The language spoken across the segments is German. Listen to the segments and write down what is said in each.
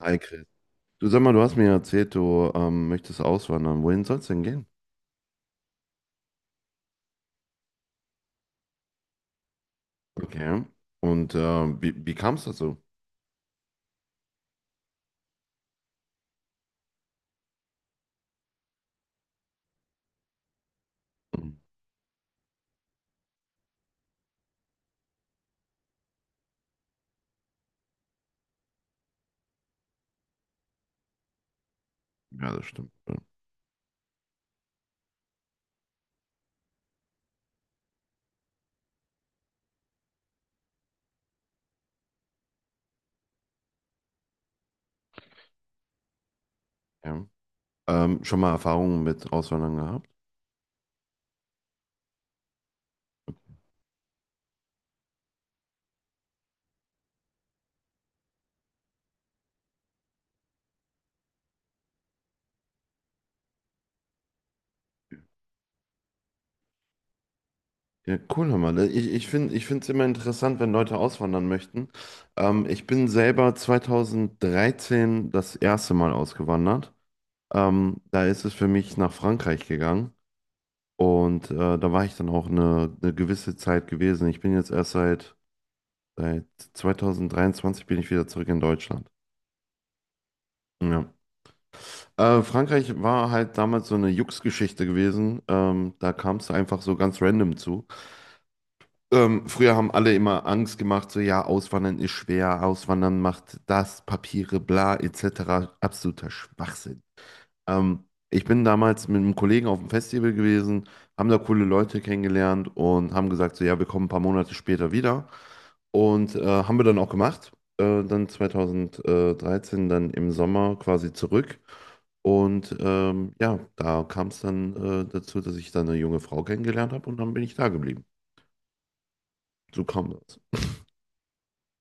Hi Chris. Du sag mal, du hast mir erzählt, du möchtest auswandern. Wohin soll es denn gehen? Okay. Und wie kam es dazu? Hm. Ja, das stimmt. Ja. Schon mal Erfahrungen mit Auswandern gehabt? Ja, cool, hör mal. Ich finde, es immer interessant, wenn Leute auswandern möchten. Ich bin selber 2013 das erste Mal ausgewandert. Da ist es für mich nach Frankreich gegangen. Und da war ich dann auch eine gewisse Zeit gewesen. Ich bin jetzt erst seit 2023 bin ich wieder zurück in Deutschland. Ja. Frankreich war halt damals so eine Jux-Geschichte gewesen. Da kam es einfach so ganz random zu. Früher haben alle immer Angst gemacht, so ja, Auswandern ist schwer, Auswandern macht das, Papiere, bla, etc. Absoluter Schwachsinn. Ähm, Ich bin damals mit einem Kollegen auf dem Festival gewesen, haben da coole Leute kennengelernt und haben gesagt, so ja, wir kommen ein paar Monate später wieder. Und haben wir dann auch gemacht. Dann 2013, dann im Sommer quasi zurück. Und ja, da kam es dann dazu, dass ich dann eine junge Frau kennengelernt habe und dann bin ich da geblieben. So kam das.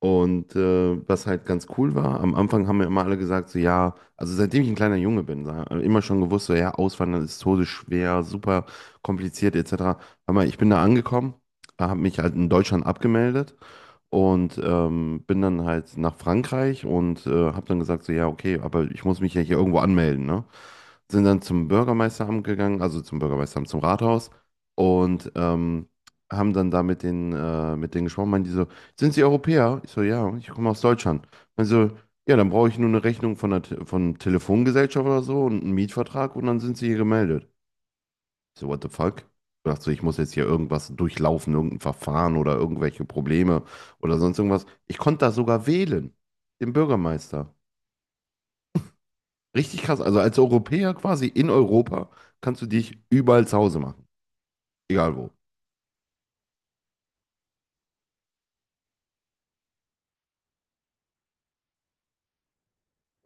Und was halt ganz cool war, am Anfang haben mir immer alle gesagt, so ja, also seitdem ich ein kleiner Junge bin, so, immer schon gewusst, so ja, Auswandern ist todesschwer, super kompliziert etc. Aber ich bin da angekommen, habe mich halt in Deutschland abgemeldet und bin dann halt nach Frankreich und habe dann gesagt, so ja, okay, aber ich muss mich ja hier irgendwo anmelden, ne? Sind dann zum Bürgermeisteramt gegangen, also zum Bürgermeisteramt, zum Rathaus und haben dann da mit denen gesprochen, meinen die so, sind Sie Europäer? Ich so, ja, ich komme aus Deutschland. Also, ja, dann brauche ich nur eine Rechnung von der Te von Telefongesellschaft oder so und einen Mietvertrag und dann sind Sie hier gemeldet. Ich so, what the fuck? Ich dachte so, ich muss jetzt hier irgendwas durchlaufen, irgendein Verfahren oder irgendwelche Probleme oder sonst irgendwas. Ich konnte da sogar wählen, den Bürgermeister. Richtig krass. Also als Europäer quasi in Europa kannst du dich überall zu Hause machen. Egal wo.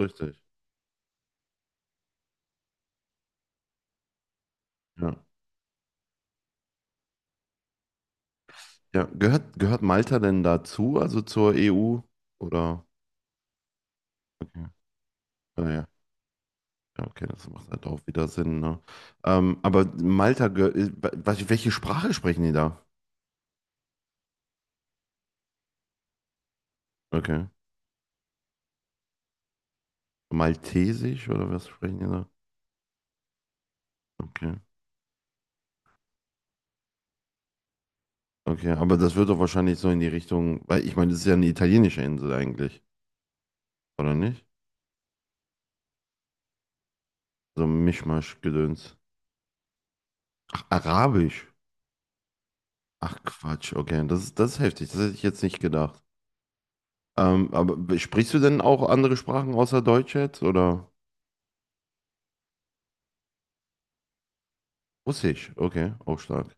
Richtig. Ja. Ja. Gehört Malta denn dazu, also zur EU? Oder? Okay. Naja. Ja, okay, das macht halt auch wieder Sinn, ne? Aber Malta, welche Sprache sprechen die da? Okay. Maltesisch oder was sprechen die da? Okay. Okay, aber das wird doch wahrscheinlich so in die Richtung, weil ich meine, das ist ja eine italienische Insel eigentlich, oder nicht? So ein Mischmasch-Gedöns. Ach, Arabisch. Ach Quatsch, okay, das ist heftig, das hätte ich jetzt nicht gedacht. Aber sprichst du denn auch andere Sprachen außer Deutsch jetzt, oder? Russisch, okay, auch stark.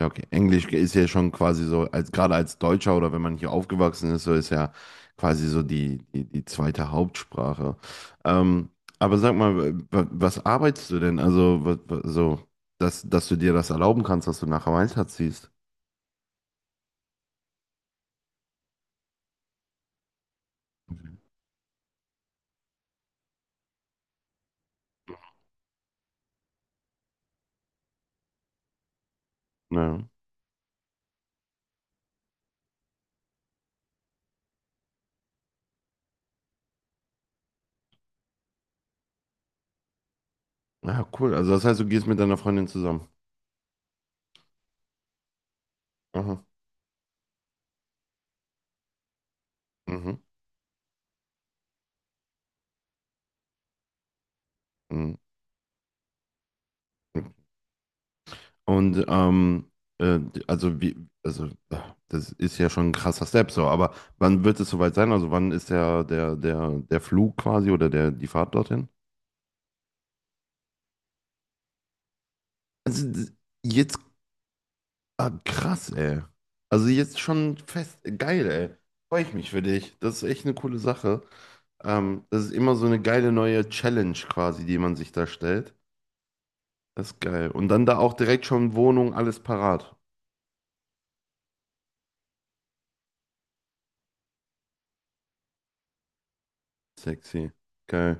Ja, okay. Englisch ist ja schon quasi so, als gerade als Deutscher oder wenn man hier aufgewachsen ist, so ist ja quasi so die zweite Hauptsprache. Ähm, aber sag mal, was arbeitest du denn? Also, so, dass du dir das erlauben kannst, dass du nach Malta ziehst. Ja. Ja, ah, cool. Also das heißt, du gehst mit deiner Freundin zusammen. Aha. Mhm. Mhm. Und äh, also wie, also das ist ja schon ein krasser Step so, aber wann wird es soweit sein? Also wann ist der Flug quasi oder der, die Fahrt dorthin? Also jetzt, ah, krass, ey. Also jetzt schon fest, geil, ey. Freue ich mich für dich. Das ist echt eine coole Sache. Das ist immer so eine geile neue Challenge quasi, die man sich da stellt. Das ist geil. Und dann da auch direkt schon Wohnung, alles parat. Sexy. Geil.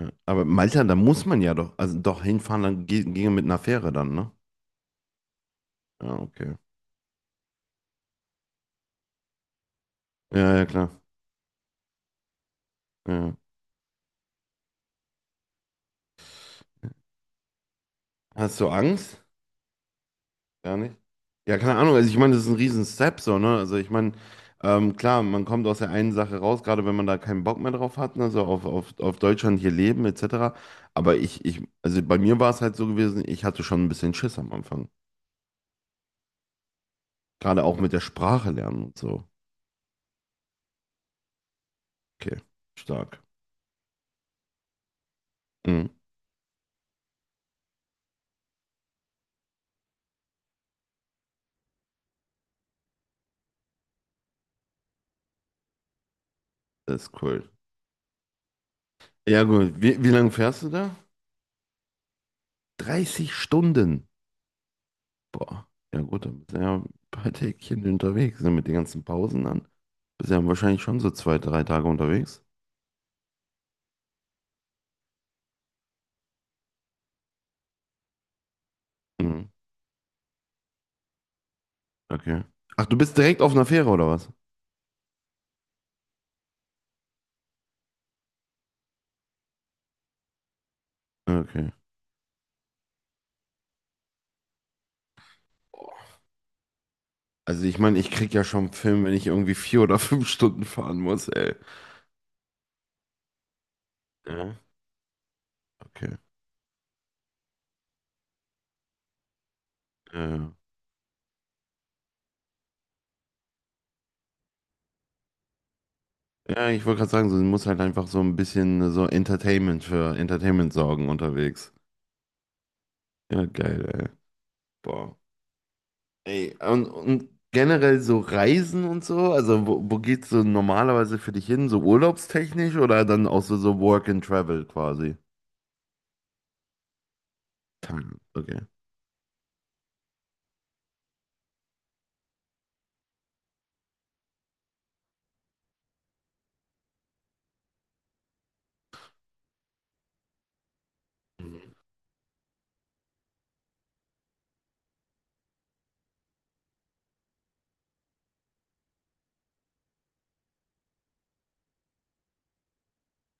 Ja. Aber Malta, da muss man ja doch, also doch hinfahren, dann ginge mit einer Fähre dann, ne? Ja, okay. Ja, ja, klar. Ja. Hast du Angst? Gar nicht? Ja, keine Ahnung. Also ich meine, das ist ein riesen Step so, ne? Also ich meine, klar, man kommt aus der einen Sache raus, gerade wenn man da keinen Bock mehr drauf hat, ne? So auf Deutschland hier leben, etc. Aber also bei mir war es halt so gewesen, ich hatte schon ein bisschen Schiss am Anfang. Gerade auch mit der Sprache lernen und so. Okay, stark. Mhm. Das ist cool. Ja, gut. Wie lange fährst du da? 30 Stunden. Boah, ja gut, dann bist du ja ein paar Tägchen unterwegs, ne, mit den ganzen Pausen dann. Bist ja wahrscheinlich schon so 2, 3 Tage unterwegs. Mhm. Okay. Ach, du bist direkt auf einer Fähre oder was? Okay. Also ich meine, ich krieg ja schon einen Film, wenn ich irgendwie 4 oder 5 Stunden fahren muss, ey. Ja, okay. Ja, ja. Ja, ich wollte gerade sagen, so, du musst halt einfach so ein bisschen so Entertainment für Entertainment sorgen unterwegs. Ja, geil, ey. Boah. Ey, und generell so Reisen und so, also wo geht's so normalerweise für dich hin? So urlaubstechnisch oder dann auch so Work and Travel quasi? Hm, okay.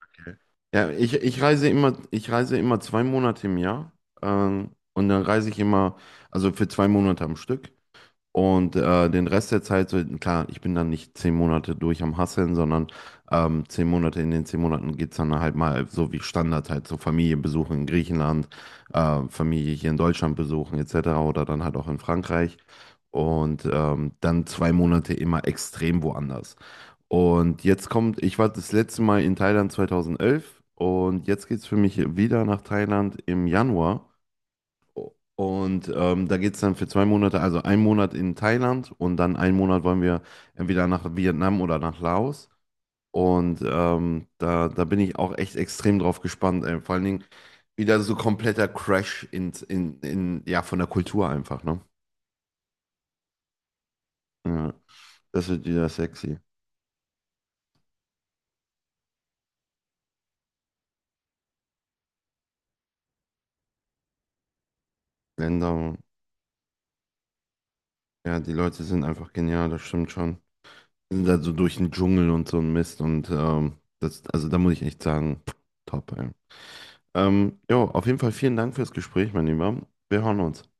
Okay. Ja, ich reise immer, 2 Monate im Jahr. Und dann reise ich immer, also für 2 Monate am Stück. Und den Rest der Zeit, so, klar, ich bin dann nicht 10 Monate durch am Hasseln, sondern 10 Monate, in den 10 Monaten geht es dann halt mal so wie Standard halt, so Familie Besuchen in Griechenland, Familie hier in Deutschland besuchen etc. oder dann halt auch in Frankreich. Und dann 2 Monate immer extrem woanders. Und jetzt kommt, ich war das letzte Mal in Thailand 2011 und jetzt geht es für mich wieder nach Thailand im Januar. Und da geht es dann für 2 Monate, also einen Monat in Thailand und dann einen Monat wollen wir entweder nach Vietnam oder nach Laos. Und da bin ich auch echt extrem drauf gespannt. Vor allen Dingen wieder so kompletter Crash in, ja, von der Kultur einfach, ne? Ja, das wird wieder sexy. Länder, ja, die Leute sind einfach genial, das stimmt schon. Die sind da so durch den Dschungel und so ein Mist und das, also da muss ich echt sagen, top, ey. Jo, auf jeden Fall vielen Dank fürs Gespräch, mein Lieber. Wir hören uns.